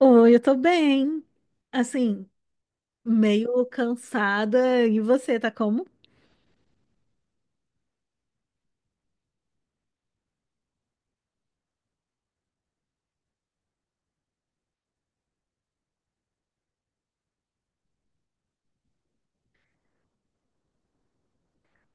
Oi, eu tô bem. Assim, meio cansada. E você tá como?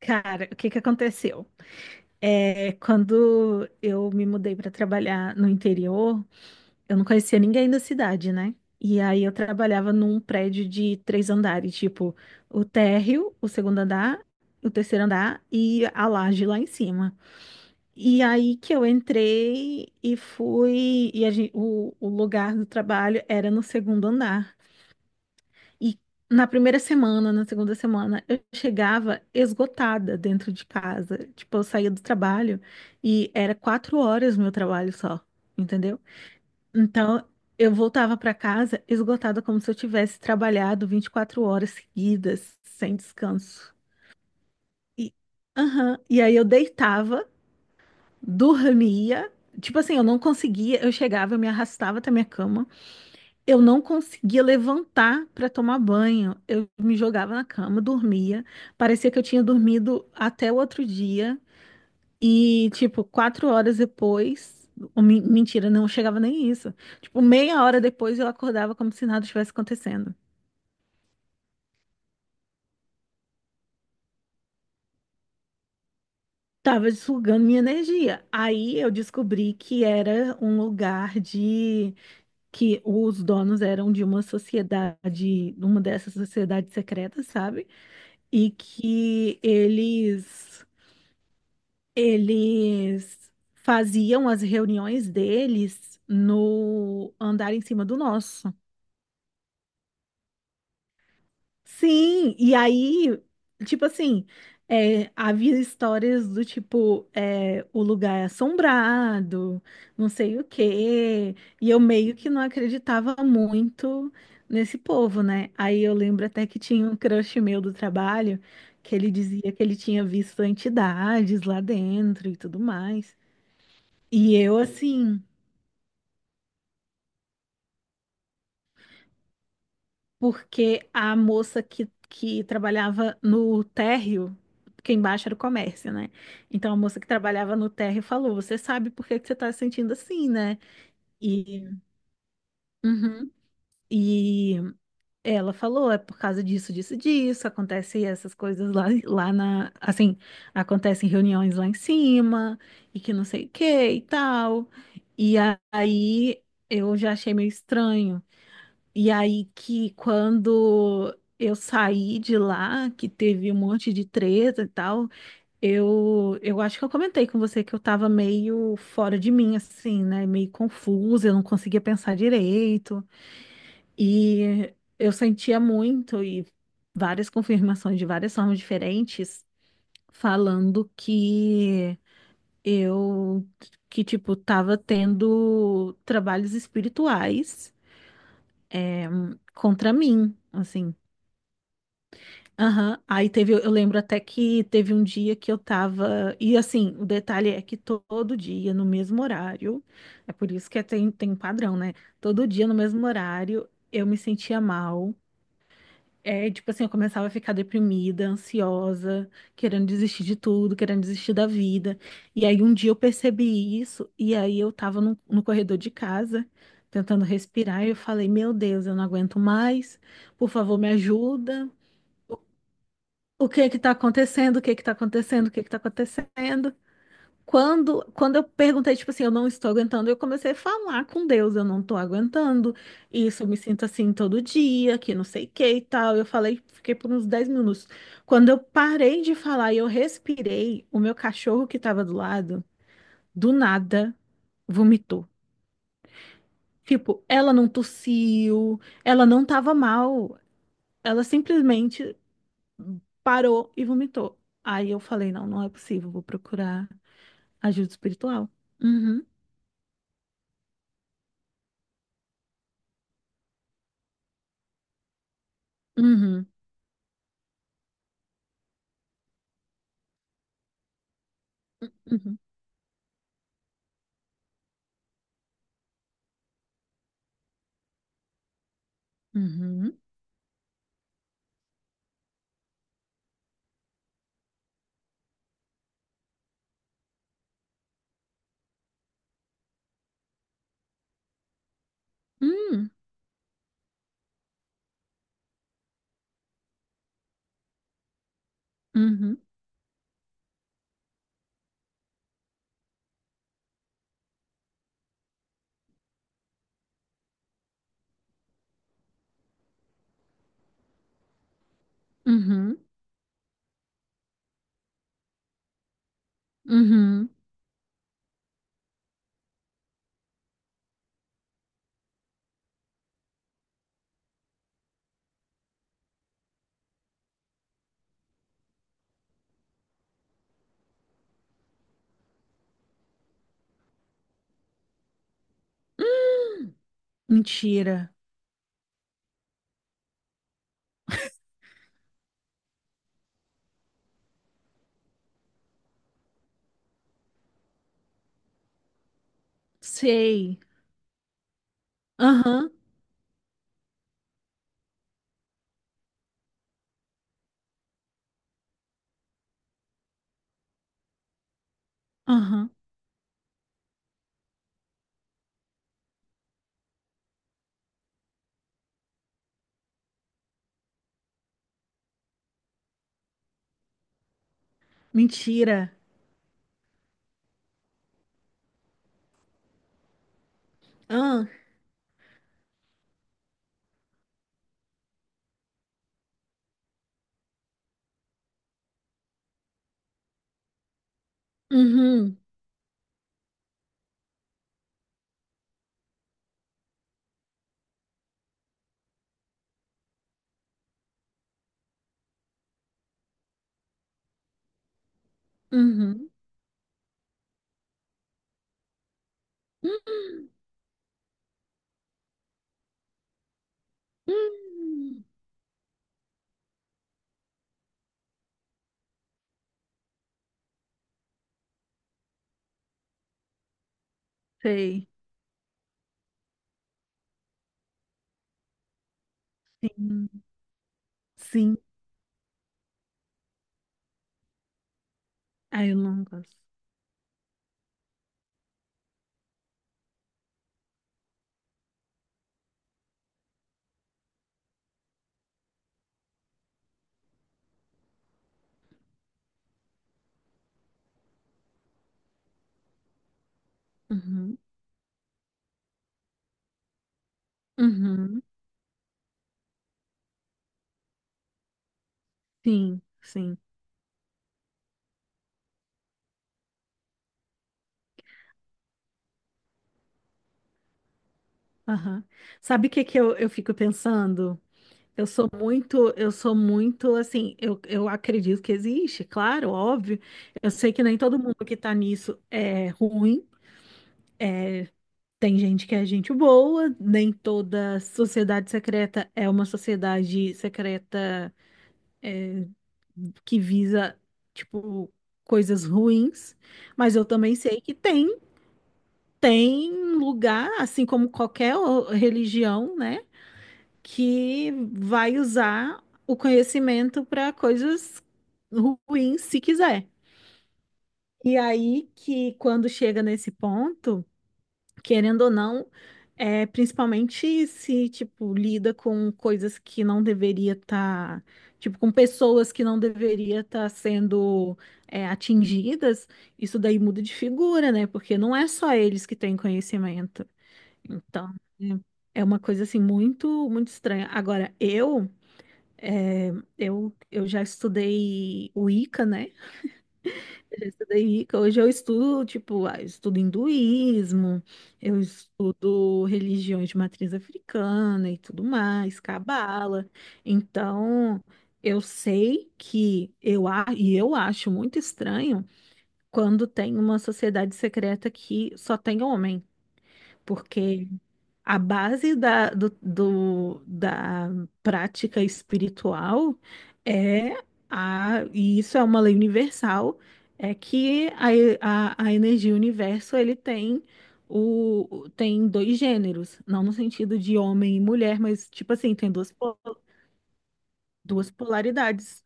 Cara, o que que aconteceu? É, quando eu me mudei para trabalhar no interior, eu não conhecia ninguém da cidade, né? E aí eu trabalhava num prédio de 3 andares, tipo, o térreo, o segundo andar, o terceiro andar e a laje lá em cima. E aí que eu entrei e fui, e o lugar do trabalho era no segundo andar. E na primeira semana, na segunda semana, eu chegava esgotada dentro de casa. Tipo, eu saía do trabalho e era 4 horas meu trabalho só, entendeu? Então, eu voltava para casa esgotada, como se eu tivesse trabalhado 24 horas seguidas, sem descanso. E, aham, e aí eu deitava, dormia. Tipo assim, eu não conseguia, eu chegava, eu me arrastava até minha cama. Eu não conseguia levantar para tomar banho. Eu me jogava na cama, dormia. Parecia que eu tinha dormido até o outro dia. E, tipo, 4 horas depois. Mentira, não chegava nem isso. Tipo, meia hora depois eu acordava como se nada estivesse acontecendo. Tava sugando minha energia. Aí eu descobri que era um lugar de. Que os donos eram de uma sociedade, uma dessas sociedades secretas, sabe? E que eles Eles faziam as reuniões deles no andar em cima do nosso. Sim, e aí, tipo assim, é, havia histórias do tipo, é, o lugar é assombrado, não sei o quê, e eu meio que não acreditava muito nesse povo, né? Aí eu lembro até que tinha um crush meu do trabalho, que ele dizia que ele tinha visto entidades lá dentro e tudo mais. E eu, assim, porque a moça que trabalhava no térreo, porque embaixo era o comércio, né? Então a moça que trabalhava no térreo falou: Você sabe por que que você tá se sentindo assim, né? E, uhum. E ela falou: É por causa disso, disso, disso. Acontece essas coisas lá, lá na. Assim, acontecem reuniões lá em cima, e que não sei o que e tal. E aí eu já achei meio estranho. E aí que quando eu saí de lá, que teve um monte de treta e tal, eu acho que eu comentei com você que eu tava meio fora de mim, assim, né? Meio confusa, eu não conseguia pensar direito. E eu sentia muito e várias confirmações de várias formas diferentes falando eu, que tipo, tava tendo trabalhos espirituais, eh, contra mim. Assim, aham, aí teve, eu lembro até que teve um dia que eu tava. E assim, o detalhe é que todo dia, no mesmo horário, é por isso que tem um padrão, né? Todo dia, no mesmo horário, eu me sentia mal. É, tipo assim, eu começava a ficar deprimida, ansiosa, querendo desistir de tudo, querendo desistir da vida. E aí um dia eu percebi isso, e aí eu tava no corredor de casa, tentando respirar, e eu falei, meu Deus, eu não aguento mais, por favor, me ajuda, o que que tá acontecendo, o que que tá acontecendo, o que que tá acontecendo. Quando eu perguntei, tipo assim, eu não estou aguentando, eu comecei a falar com Deus, eu não tô aguentando, isso, eu me sinto assim todo dia, que não sei o que e tal. Eu falei, fiquei por uns 10 minutos. Quando eu parei de falar e eu respirei, o meu cachorro que tava do lado, do nada, vomitou. Tipo, ela não tossiu, ela não tava mal, ela simplesmente parou e vomitou. Aí eu falei, não, não é possível, vou procurar ajuda espiritual. Uhum, uhum, uhum, uhum, uhum, uhum, uhum, uhum. Hum, mentira. Sei. Aham, aham. Mentira. Ah, uhum, uhum. Hum, hum. Sei. Sim, sim. Ai, eu não gosto. Uhum, uhum. Sim, sim. Aham. Sabe o que que eu fico pensando? Eu sou muito assim, eu acredito que existe, claro, óbvio. Eu sei que nem todo mundo que tá nisso é ruim, é, tem gente que é gente boa, nem toda sociedade secreta é uma sociedade secreta que visa, tipo, coisas ruins, mas eu também sei que tem lugar, assim como qualquer religião, né? que vai usar o conhecimento para coisas ruins, se quiser. E aí que quando chega nesse ponto, querendo ou não, principalmente se, tipo, lida com coisas que não deveria estar, tipo, com pessoas que não deveria estar sendo atingidas, isso daí muda de figura, né? Porque não é só eles que têm conhecimento. Então, é uma coisa assim muito, muito estranha. Agora, é, eu já estudei Wicca, né? Já estudei Wicca. Hoje eu estudo, tipo, ah, eu estudo hinduísmo, eu estudo religiões de matriz africana e tudo mais, cabala. Então, eu sei que eu, a- e eu acho muito estranho quando tem uma sociedade secreta que só tem homem, porque a base da prática espiritual é a, e isso é uma lei universal, é que a energia universo ele tem tem dois gêneros, não no sentido de homem e mulher, mas tipo assim, tem duas polaridades,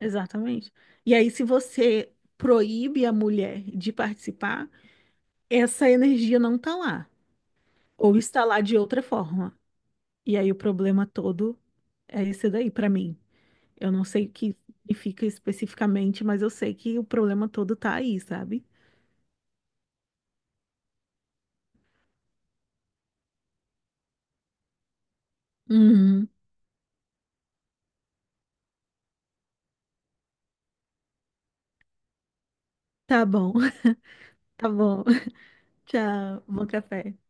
exatamente. E aí, se você proíbe a mulher de participar, essa energia não está lá, ou está lá de outra forma. E aí o problema todo é isso daí para mim. Eu não sei o que significa especificamente, mas eu sei que o problema todo tá aí, sabe? Uhum. Tá bom, tá bom. Tchau, bom café.